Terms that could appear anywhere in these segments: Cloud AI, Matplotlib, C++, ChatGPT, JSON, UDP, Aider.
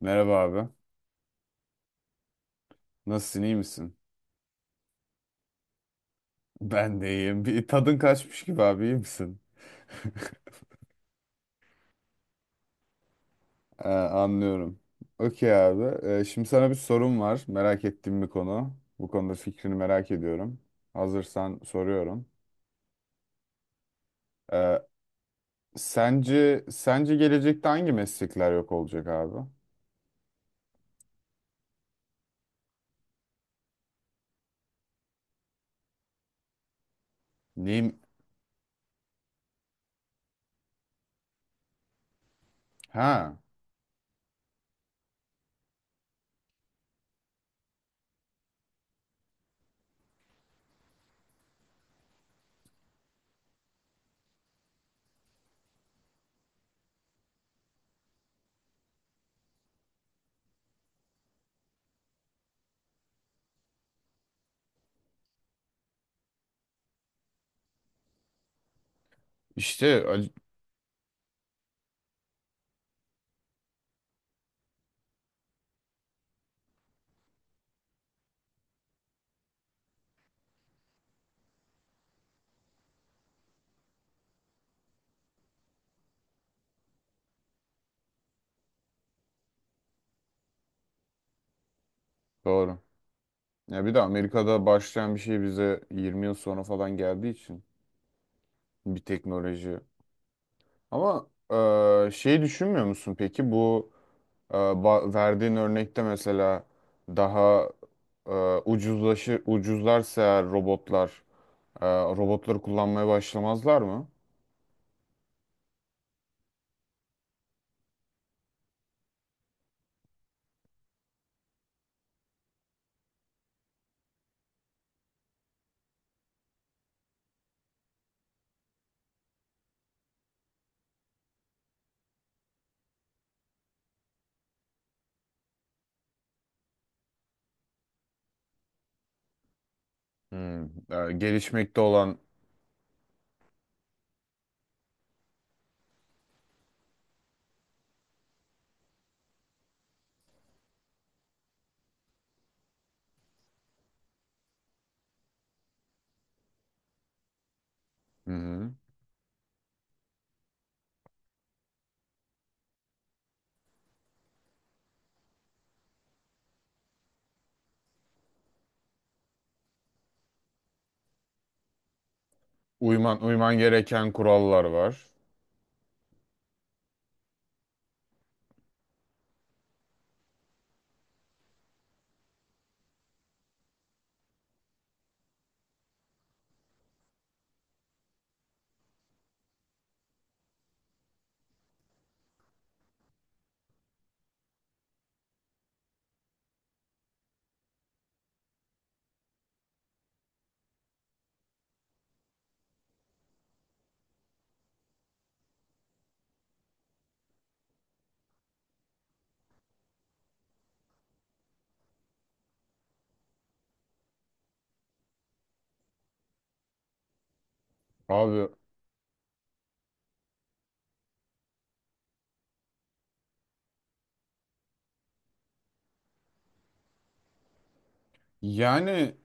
Merhaba abi. Nasılsın, iyi misin? Ben de iyiyim. Bir tadın kaçmış gibi abi, iyi misin? Anlıyorum. Okey abi. Şimdi sana bir sorum var. Merak ettiğim bir konu. Bu konuda fikrini merak ediyorum. Hazırsan soruyorum. Ee, sence gelecekte hangi meslekler yok olacak abi? Neyim? Ha, işte doğru. Ya bir de Amerika'da başlayan bir şey bize 20 yıl sonra falan geldiği için bir teknoloji. Ama şey, düşünmüyor musun peki bu, verdiğin örnekte mesela, daha e, ucuzlarsa eğer robotlar, e, robotları kullanmaya başlamazlar mı? Hmm. Gelişmekte olan. Hı hı. Uyman gereken kurallar var. Abi, yani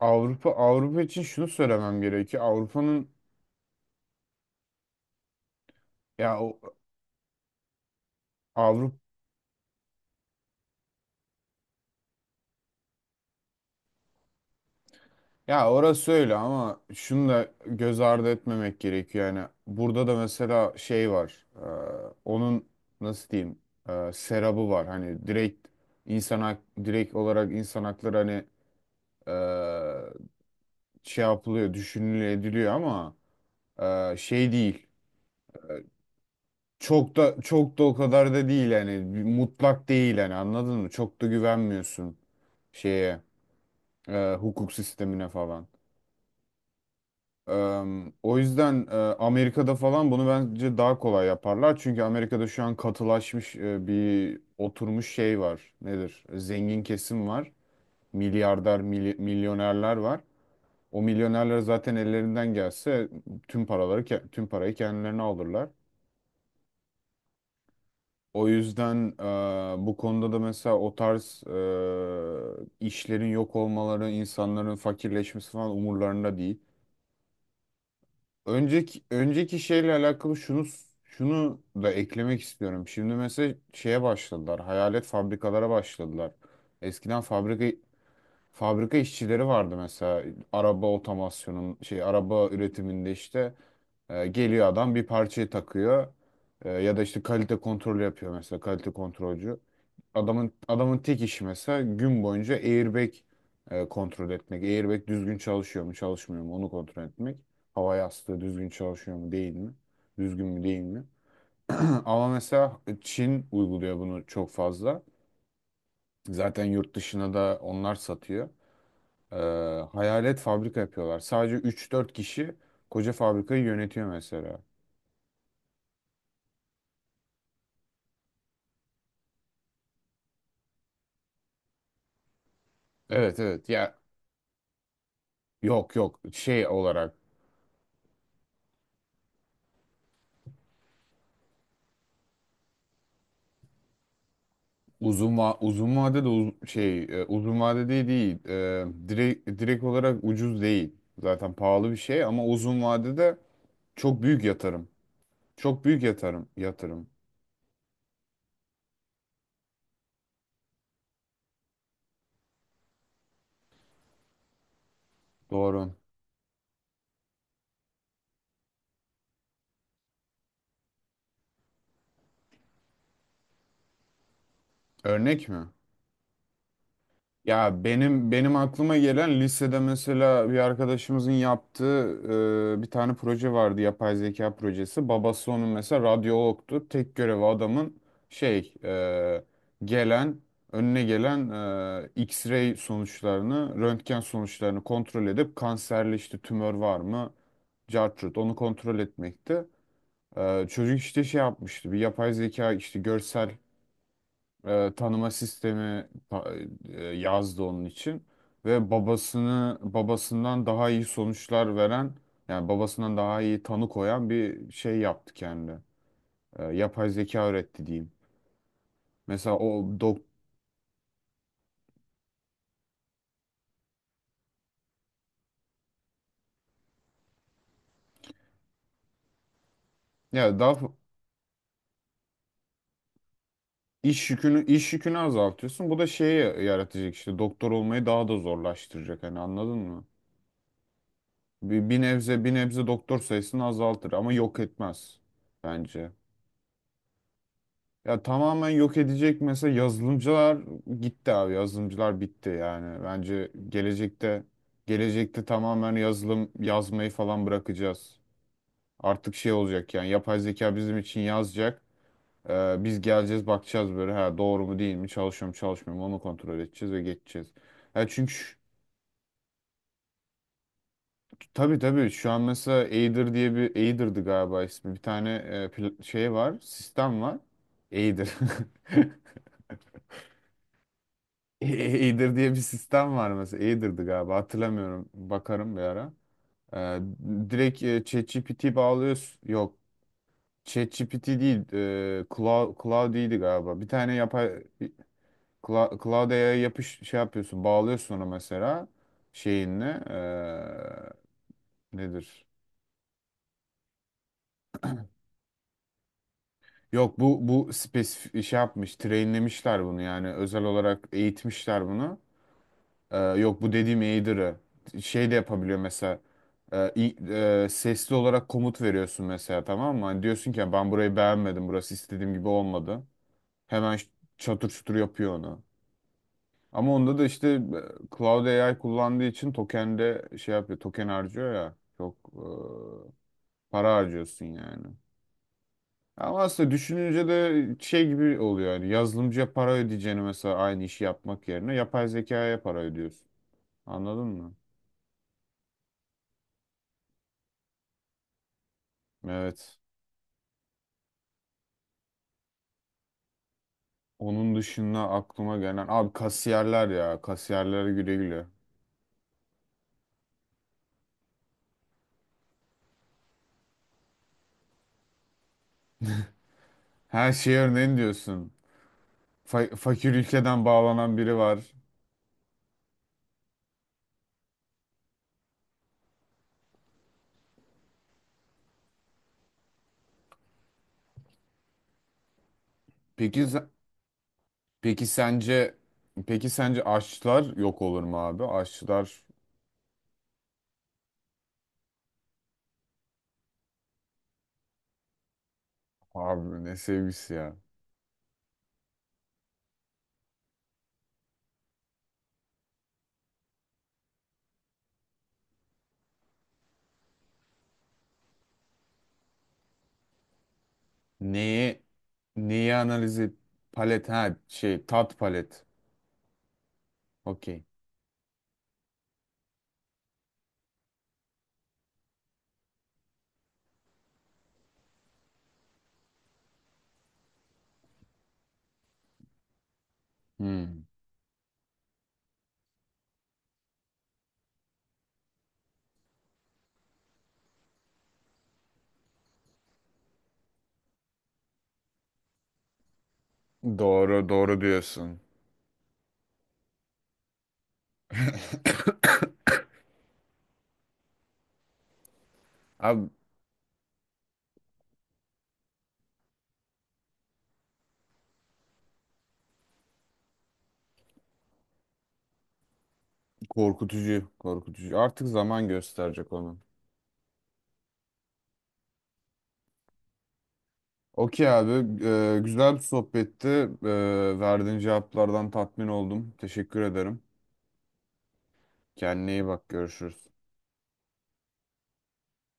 Avrupa için şunu söylemem gerekiyor. Avrupa'nın ya Avrupa Ya orası öyle ama şunu da göz ardı etmemek gerekiyor. Yani burada da mesela şey var. Onun, nasıl diyeyim? Serabı var. Hani direkt direkt olarak insan hakları, hani şey yapılıyor, düşünülüyor, ediliyor ama şey değil. Çok da o kadar da değil yani. Bir mutlak değil yani, anladın mı? Çok da güvenmiyorsun şeye, hukuk sistemine falan. O yüzden Amerika'da falan bunu bence daha kolay yaparlar. Çünkü Amerika'da şu an katılaşmış, bir oturmuş şey var. Nedir? Zengin kesim var. Milyarder, milyonerler var. O milyonerler zaten ellerinden gelse tüm tüm parayı kendilerine alırlar. O yüzden bu konuda da mesela o tarz işlerin yok olmaları, insanların fakirleşmesi falan umurlarında değil. Önceki şeyle alakalı şunu şunu da eklemek istiyorum. Şimdi mesela şeye başladılar. Hayalet fabrikalara başladılar. Eskiden fabrika işçileri vardı mesela, araba otomasyonun şey, araba üretiminde işte, geliyor adam bir parçayı takıyor. Ya da işte kalite kontrolü yapıyor mesela, kalite kontrolcü adamın tek işi mesela gün boyunca airbag kontrol etmek. Airbag düzgün çalışıyor mu, çalışmıyor mu, onu kontrol etmek. Hava yastığı düzgün çalışıyor mu, değil mi? Düzgün mü, değil mi? Ama mesela Çin uyguluyor bunu çok fazla. Zaten yurt dışına da onlar satıyor. Ee, hayalet fabrika yapıyorlar. Sadece üç dört kişi koca fabrikayı yönetiyor mesela. Evet evet ya, yok yok, şey olarak... uzun vade de, uzun vade değil değil. Direkt olarak ucuz değil. Zaten pahalı bir şey ama uzun vadede çok büyük yatırım. Çok büyük yatırım. Doğru. Örnek mi? Ya benim aklıma gelen, lisede mesela bir arkadaşımızın yaptığı bir tane proje vardı, yapay zeka projesi. Babası onun mesela radyologtu. Tek görevi adamın, şey e, gelen önüne gelen X-ray sonuçlarını, röntgen sonuçlarını kontrol edip kanserli işte tümör var mı, cartrut onu kontrol etmekti. Çocuk işte şey yapmıştı, bir yapay zeka işte görsel tanıma sistemi yazdı onun için ve babasından daha iyi sonuçlar veren, yani babasından daha iyi tanı koyan bir şey yaptı kendi. Yapay zeka öğretti diyeyim. Mesela o dok ya daha f- iş iş yükünü azaltıyorsun. Bu da şeyi yaratacak işte, doktor olmayı daha da zorlaştıracak, hani anladın mı? Bir bir nebze doktor sayısını azaltır ama yok etmez bence. Ya tamamen yok edecek mesela. Yazılımcılar gitti abi, yazılımcılar bitti yani, bence gelecekte tamamen yazılım yazmayı falan bırakacağız. Artık şey olacak, yani yapay zeka bizim için yazacak. Biz geleceğiz, bakacağız böyle, ha doğru mu değil mi, çalışıyor mu çalışmıyor mu, onu kontrol edeceğiz ve geçeceğiz. Ya çünkü tabii tabii şu an mesela Aider diye bir... Aider'dı galiba ismi, bir tane, e, pl- şey var sistem var. Aider. Eater diye bir sistem var mesela. Eater'dı galiba, hatırlamıyorum. Bakarım bir ara. Ee, direkt ChatGPT bağlıyorsun. Yok, ChatGPT değil. Cloud'iydi galiba. Bir tane yapay... Cloud AI şey yapıyorsun. Bağlıyorsun ona mesela şeyinle. Nedir? Yok, bu spesifik şey yapmış. Trainlemişler bunu yani. Özel olarak eğitmişler bunu. Yok, bu dediğim Aider'ı. Şey de yapabiliyor mesela. Ee, i- sesli olarak komut veriyorsun mesela, tamam mı? Hani diyorsun ki, ben burayı beğenmedim, burası istediğim gibi olmadı. Hemen çatır çutur yapıyor onu. Ama onda da işte Cloud AI kullandığı için tokende şey yapıyor. Token harcıyor ya. Çok para harcıyorsun yani. Ama aslında düşününce de şey gibi oluyor yani, yazılımcıya para ödeyeceğini mesela aynı işi yapmak yerine, yapay zekaya para ödüyorsun. Anladın mı? Evet. Onun dışında aklıma gelen abi, kasiyerler ya, kasiyerlere güle güle. Her şeye örneğin diyorsun. Fakir ülkeden bağlanan biri var. Peki se- peki sence peki sence aşçılar yok olur mu abi? Aşçılar... Abi, ne sevgisi ya. Neyi neyi analiz et? Palet, ha, şey, tat palet. Okey. Hmm. Doğru doğru diyorsun. Abi, korkutucu korkutucu. Artık zaman gösterecek onu. Okey abi. Güzel bir sohbetti. Verdiğin cevaplardan tatmin oldum. Teşekkür ederim. Kendine iyi bak. Görüşürüz.